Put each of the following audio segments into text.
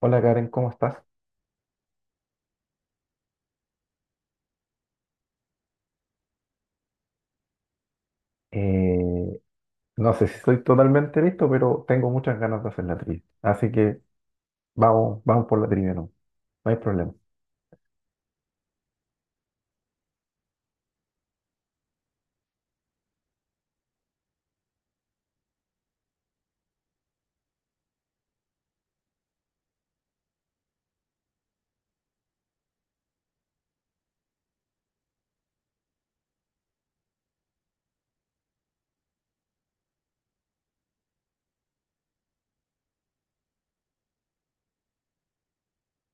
Hola Karen, ¿cómo estás? Eh, no sé si estoy totalmente listo, pero tengo muchas ganas de hacer la trivia. Así que vamos, vamos por la trivia, no, no hay problema.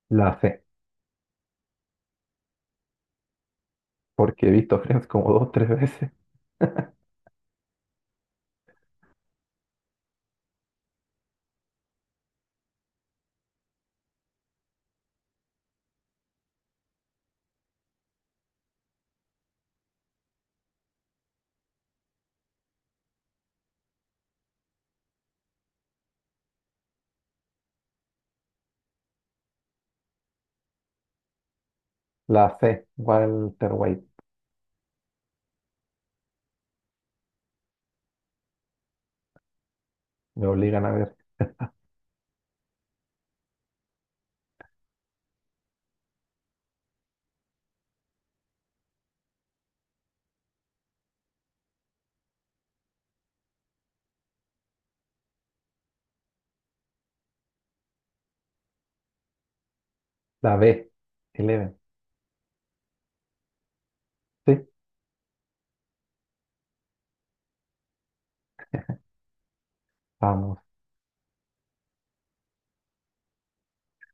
La C, porque he visto Friends como dos, tres veces. La C, Walter White, me obligan a ver. La B, Eleven, sí, vamos.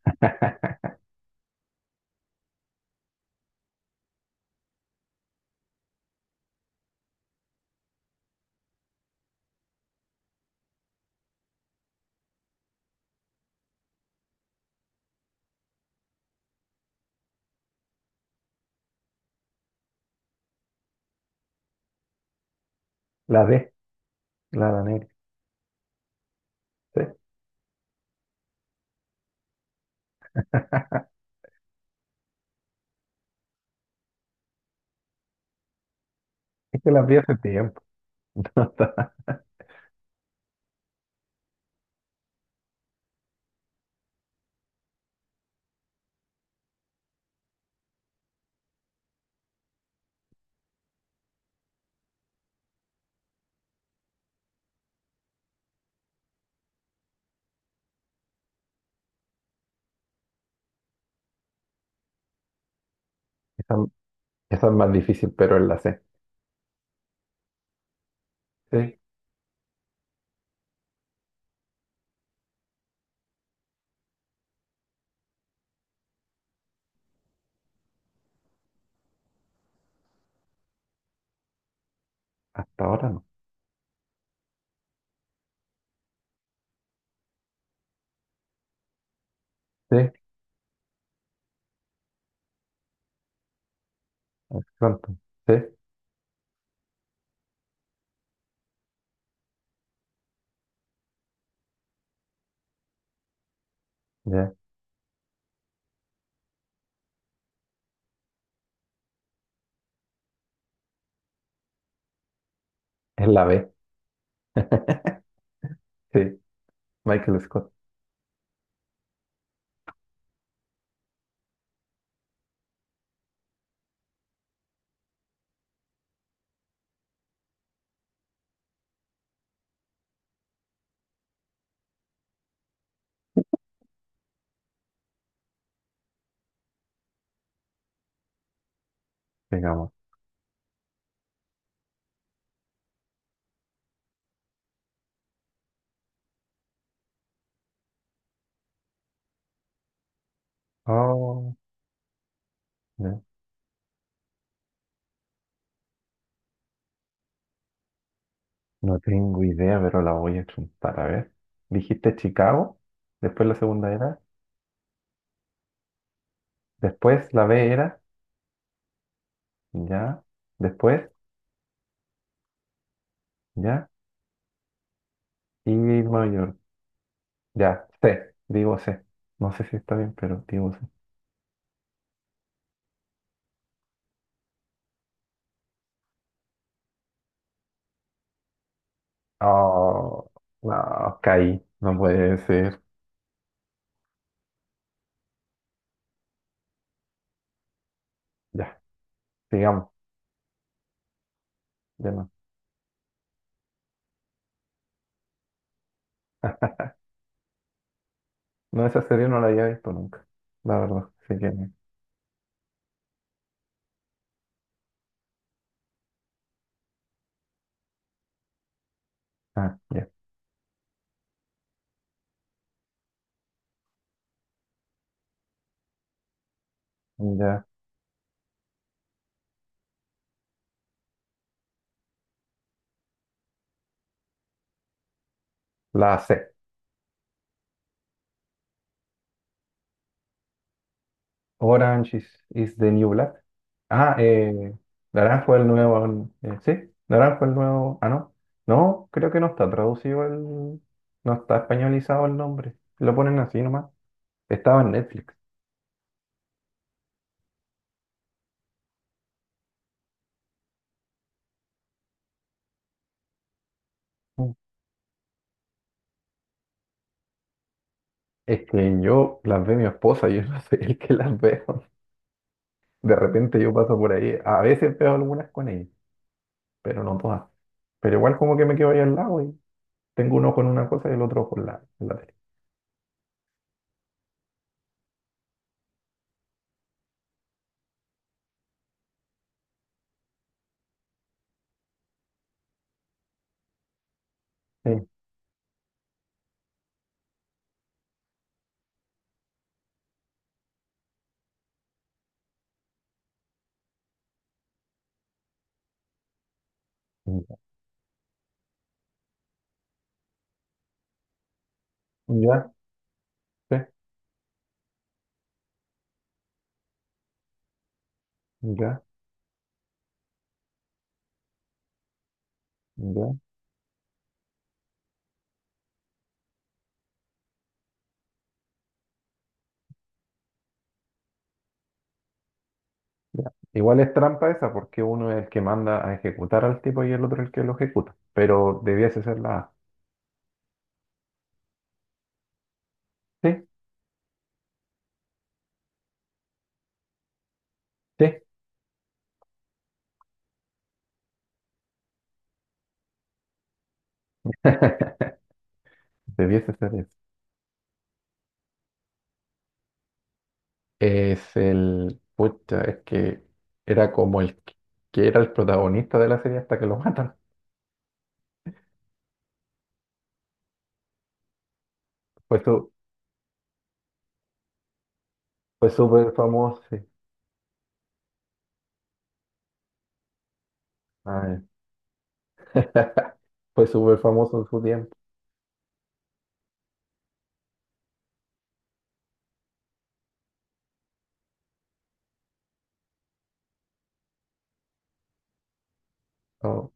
La D, la negra, sí. Es que las vi hace tiempo, esa, esa es más difícil, pero es la C. Sí, hasta ahora no. Sí, Phantom, sí, ya, es la B, sí, Michael Scott. Digamos, oh, no, no tengo idea, pero la voy a chuntar. A ver, dijiste Chicago, después la segunda era, después la B era, ya, después, ya, y Nueva York, ya, C, digo C. No sé si está bien, pero digo C. Oh, no, caí, no puede ser. Ya, sigamos, ya no. No, esa serie no la había visto nunca, la verdad. Así que, ah, ya, ya, la C. Orange is the New Black. Ah, eh, Naranjo el nuevo. Sí, Naranjo el nuevo. Ah, no. No, creo que no está traducido el. No está españolizado el nombre. Lo ponen así nomás. Estaba en Netflix. Mm. Es que yo las ve mi esposa, yo no soy el que las veo. De repente yo paso por ahí. A veces veo algunas con ella, pero no todas. Pero igual como que me quedo ahí al lado y tengo un ojo en una cosa y el otro ojo en la tele. Sí. Ya, ya, sí, ya, ya. Ya. Igual es trampa esa porque uno es el que manda a ejecutar al tipo y el otro el que lo ejecuta, pero debiese ser la A. Sí, sí, debiese ser eso. Es el, pucha, es que era como el que era el protagonista de la serie hasta que lo matan. Fue su, Fue súper famoso, sí. Ah, ya. Fue súper famoso en su tiempo. Oh,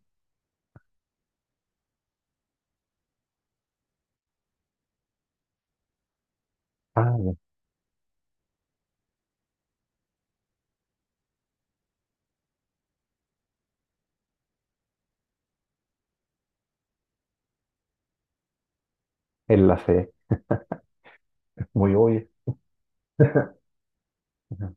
ah, ya. En la C, es muy obvio. Ajá.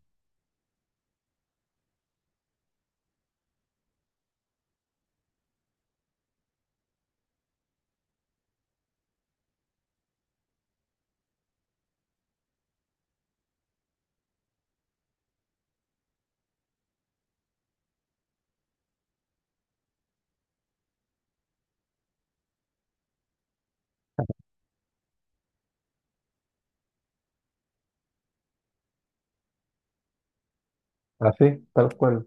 Así, tal cual.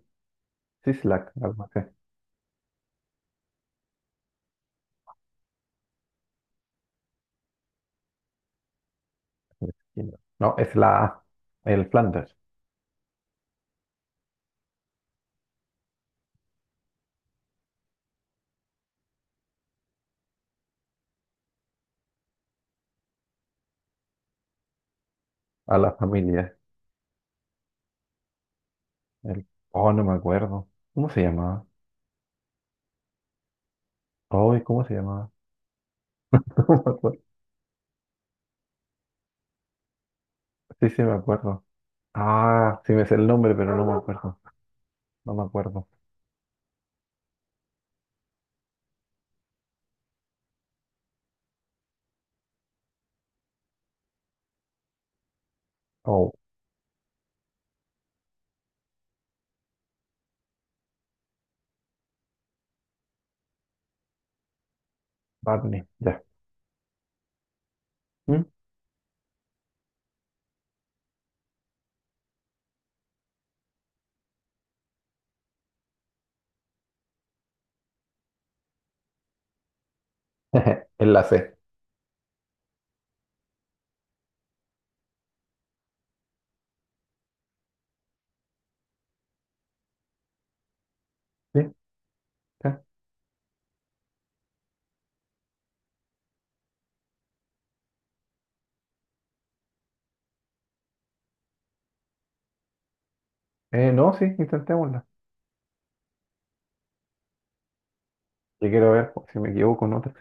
Sislak, algo así. No, no, es la A, el Flanders. A la familia. El- oh, no me acuerdo. ¿Cómo se llamaba? Ay, ¿cómo se llamaba? No me acuerdo. Sí, sí, me acuerdo. Ah, sí me sé el nombre, pero no me acuerdo. No me acuerdo. Oh, Barney, ya. ¿Mm? En la C. ¿Sí? Ya. No, sí, intentémosla. Yo quiero ver pues, si me equivoco en otra.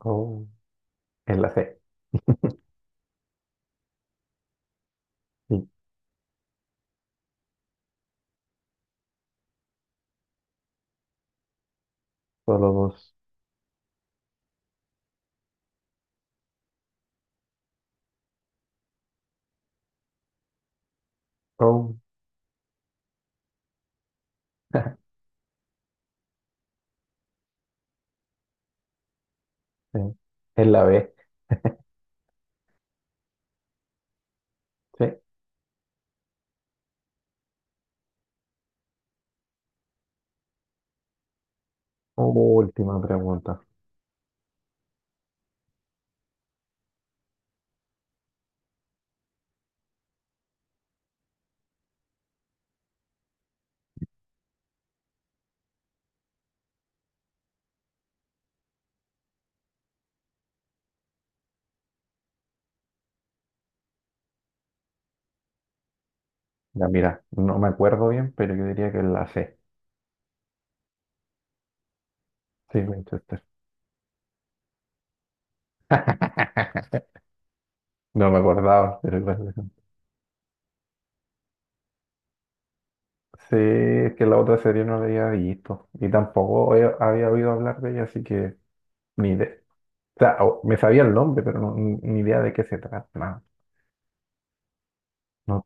Oh, en la C. Sí, solo dos. Oh, sí. En la B. Sí. Última pregunta. Ya, mira, no me acuerdo bien, pero yo diría que en la C. Sí, Winchester. No me acordaba, pero igual. Sí, es que la otra serie no la había visto y tampoco he- había oído hablar de ella, así que ni idea. O sea, o- me sabía el nombre, pero no, ni idea de qué se trata. No, no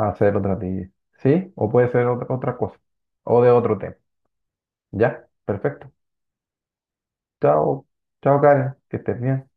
va a ser otra tía. ¿Sí? O puede ser otra cosa. O de otro tema. Ya, perfecto. Chao, chao Karen, que estés bien.